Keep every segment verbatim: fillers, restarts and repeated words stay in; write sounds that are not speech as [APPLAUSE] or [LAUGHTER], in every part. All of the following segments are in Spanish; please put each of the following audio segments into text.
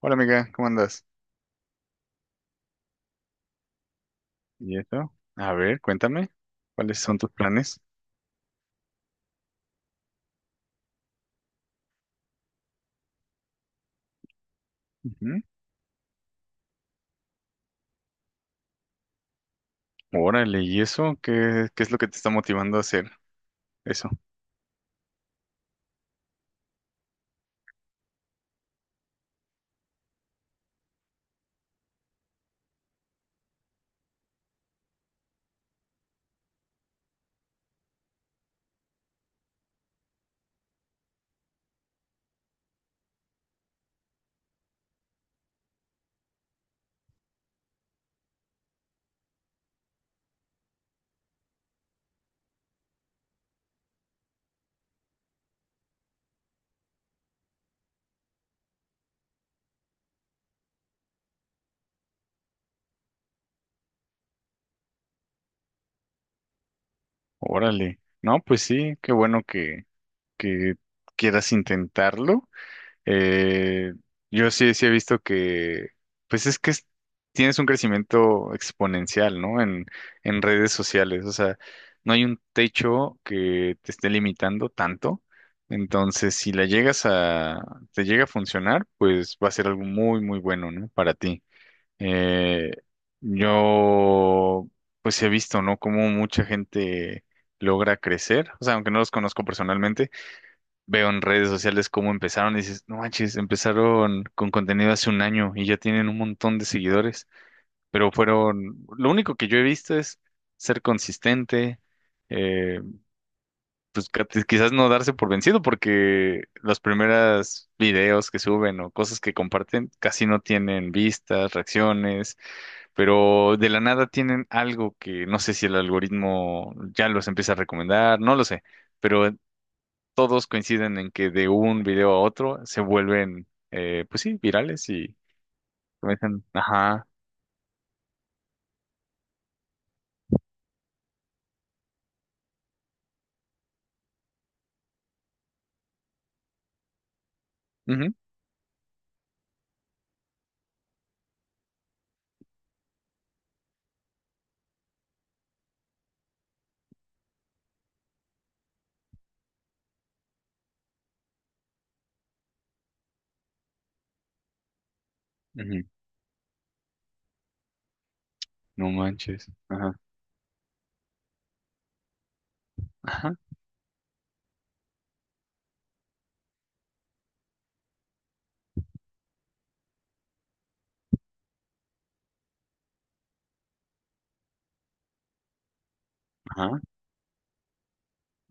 Hola amiga, ¿cómo andas? ¿Y eso? A ver, cuéntame, ¿cuáles son tus planes? Ujú. Órale, ¿y eso? ¿Qué, qué es lo que te está motivando a hacer eso? Órale. No, pues sí, qué bueno que, que quieras intentarlo. Eh, yo sí, sí he visto que, pues es que es- tienes un crecimiento exponencial, ¿no? En, en redes sociales, o sea, no hay un techo que te esté limitando tanto. Entonces, si la llegas a, te llega a funcionar, pues va a ser algo muy, muy bueno, ¿no? Para ti. Eh, yo, pues he visto, ¿no? Cómo mucha gente logra crecer, o sea, aunque no los conozco personalmente veo en redes sociales cómo empezaron y dices, no manches, empezaron con contenido hace un año y ya tienen un montón de seguidores, pero fueron, lo único que yo he visto es ser consistente, eh, pues cat- quizás no darse por vencido porque los primeros videos que suben o cosas que comparten casi no tienen vistas, reacciones, pero de la nada tienen algo que no sé si el algoritmo ya los empieza a recomendar, no lo sé. Pero todos coinciden en que de un video a otro se vuelven, eh, pues sí, virales y comienzan, ajá, ujú, ujú, no manches, ajá, ajá, ajá,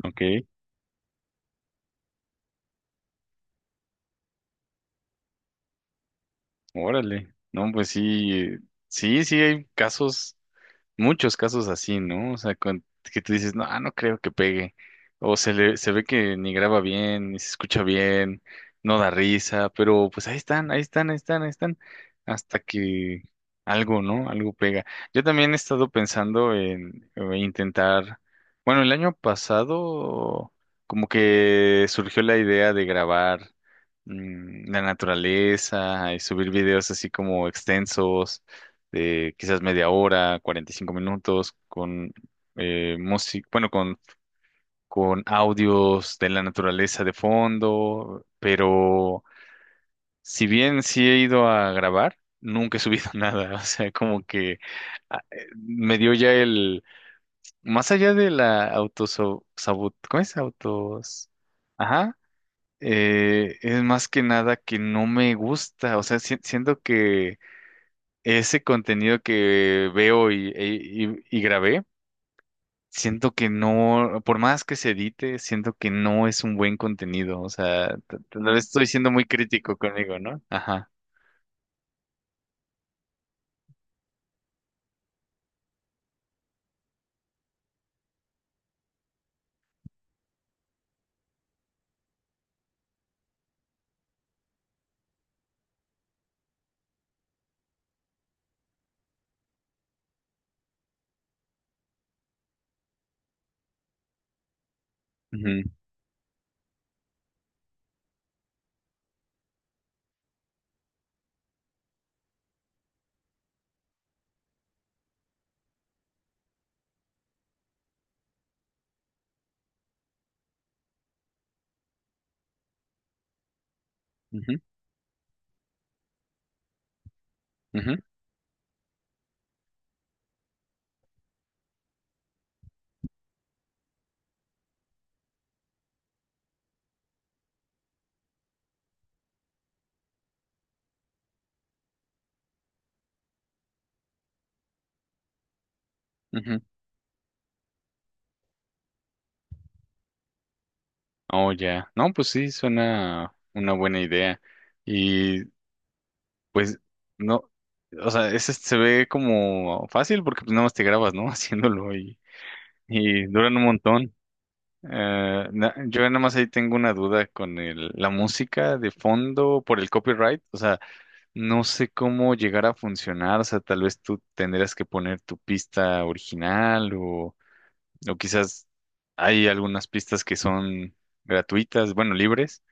ok, órale, no, pues sí, eh, sí, sí hay casos muchos casos así, ¿no? O sea, con- que tú dices, no, ah, no creo que pegue. O se le, se ve que ni graba bien, ni se escucha bien, no da risa, pero pues ahí están, ahí están, ahí están, ahí están, hasta que algo, ¿no? Algo pega. Yo también he estado pensando en, eh, intentar, bueno, el año pasado como que surgió la idea de grabar mm, la naturaleza y subir videos así como extensos de quizás media hora, cuarenta y cinco minutos, con eh, música, bueno, con, con audios de la naturaleza de fondo, pero si bien sí he ido a grabar, nunca he subido [LAUGHS] nada, o sea, como que ah, eh, me dio ya el, más allá de la autosabot, ¿cómo es? Autos, ajá. Eh, es más que nada que no me gusta, o sea, si- siento que ese contenido que veo y, y- y- y grabé, siento que no, por más que se edite, siento que no es un buen contenido. O sea, t- tal vez estoy siendo muy crítico conmigo, ¿no? Ajá. Ujú, ujú, ujú, ujú. Oh, ya. No, pues sí, suena una buena idea. Y pues no, o sea, ese se ve como fácil porque pues nada más te grabas, ¿no? [LAUGHS] Haciéndolo y, y duran un montón. Eh, na- yo nada más ahí tengo una duda con el, la música de fondo por el copyright, o sea, no sé cómo llegar a funcionar, o sea, tal vez tú tendrías que poner tu pista original o, o quizás hay algunas pistas que son gratuitas, bueno, libres,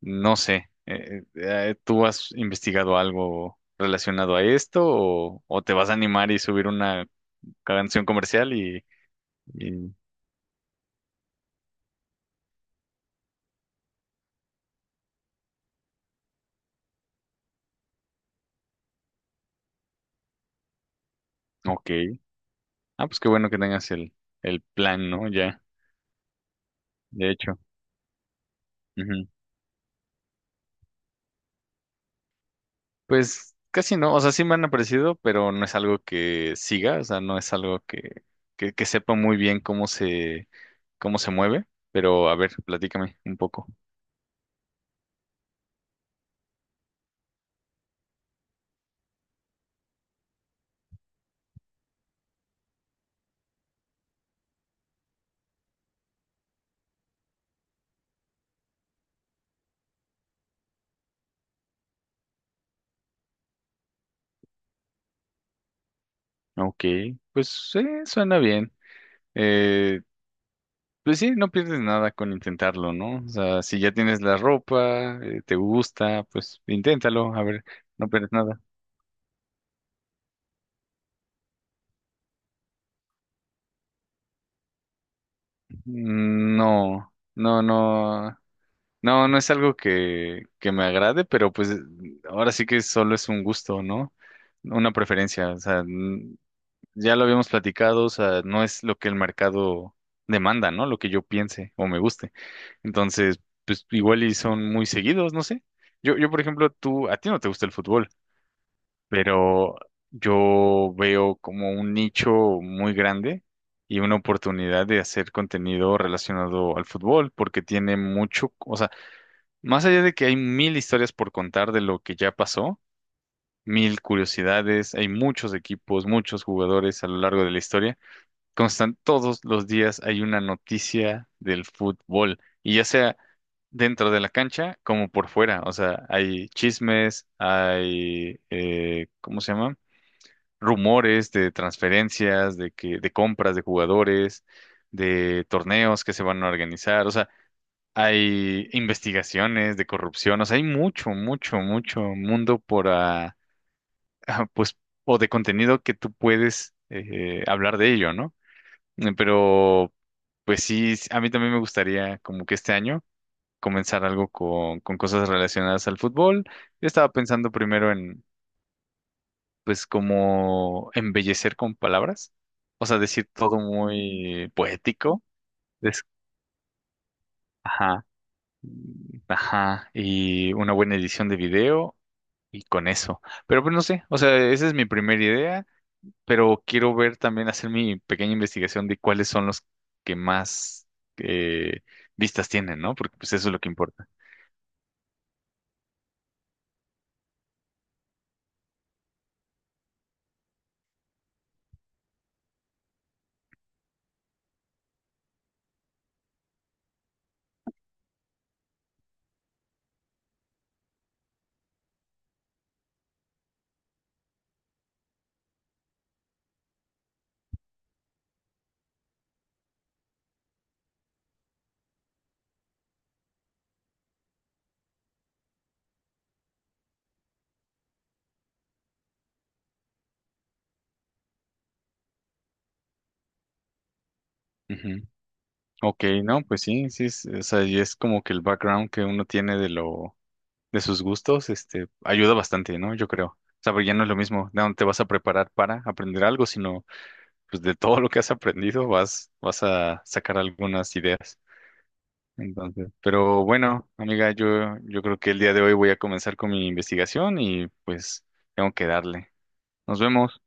no sé, eh, eh, ¿tú has investigado algo relacionado a esto o, o te vas a animar y subir una canción comercial y, y ok. Ah, pues qué bueno que tengas el, el plan, ¿no? Ya, de hecho. Ujú. Pues casi no, o sea, sí me han aparecido, pero no es algo que siga, o sea, no es algo que, que, que sepa muy bien cómo se, cómo se mueve, pero a ver, platícame un poco. Ok, pues sí, suena bien. Eh, pues sí, no pierdes nada con intentarlo, ¿no? O sea, si ya tienes la ropa, eh, te gusta, pues inténtalo, a ver, no pierdes nada. Mm, no, no, no. No, no es algo que, que me agrade, pero pues ahora sí que solo es un gusto, ¿no? Una preferencia, o sea, n- ya lo habíamos platicado, o sea, no es lo que el mercado demanda, ¿no? Lo que yo piense o me guste. Entonces, pues igual y son muy seguidos, no sé. Yo, yo, por ejemplo, tú, a ti no te gusta el fútbol, pero yo veo como un nicho muy grande y una oportunidad de hacer contenido relacionado al fútbol, porque tiene mucho, o sea, más allá de que hay mil historias por contar de lo que ya pasó, mil curiosidades, hay muchos equipos, muchos jugadores a lo largo de la historia. Constan todos los días hay una noticia del fútbol, y ya sea dentro de la cancha como por fuera. O sea, hay chismes, hay, eh, ¿cómo se llama? Rumores de transferencias, de que, de compras de jugadores, de torneos que se van a organizar. O sea, hay investigaciones de corrupción, o sea, hay mucho, mucho, mucho mundo por, ah, ah, pues, o de contenido que tú puedes eh, hablar de ello, ¿no? Eh, Pero, pues sí, s- a mí también me gustaría como que este año comenzar algo con, con cosas relacionadas al fútbol. Yo estaba pensando primero en, pues, como embellecer con palabras, o sea, decir todo muy poético. des- Ajá. mm, Ajá, y una buena edición de video y con eso. Pero pues no sé, o sea, esa es mi primera idea, pero quiero ver también, hacer mi pequeña investigación de cuáles son los que más eh, vistas tienen, ¿no? Porque pues eso es lo que importa. Ujú. Ok, no, pues sí, sí, es, o sea, y es como que el background que uno tiene de lo, de sus gustos, este, ayuda bastante, ¿no? Yo creo. O sea, porque ya no es lo mismo, no te vas a preparar para aprender algo, sino pues de todo lo que has aprendido vas, vas a sacar algunas ideas. Entonces, pero bueno, amiga, yo, yo creo que el día de hoy voy a comenzar con mi investigación y pues tengo que darle. Nos vemos.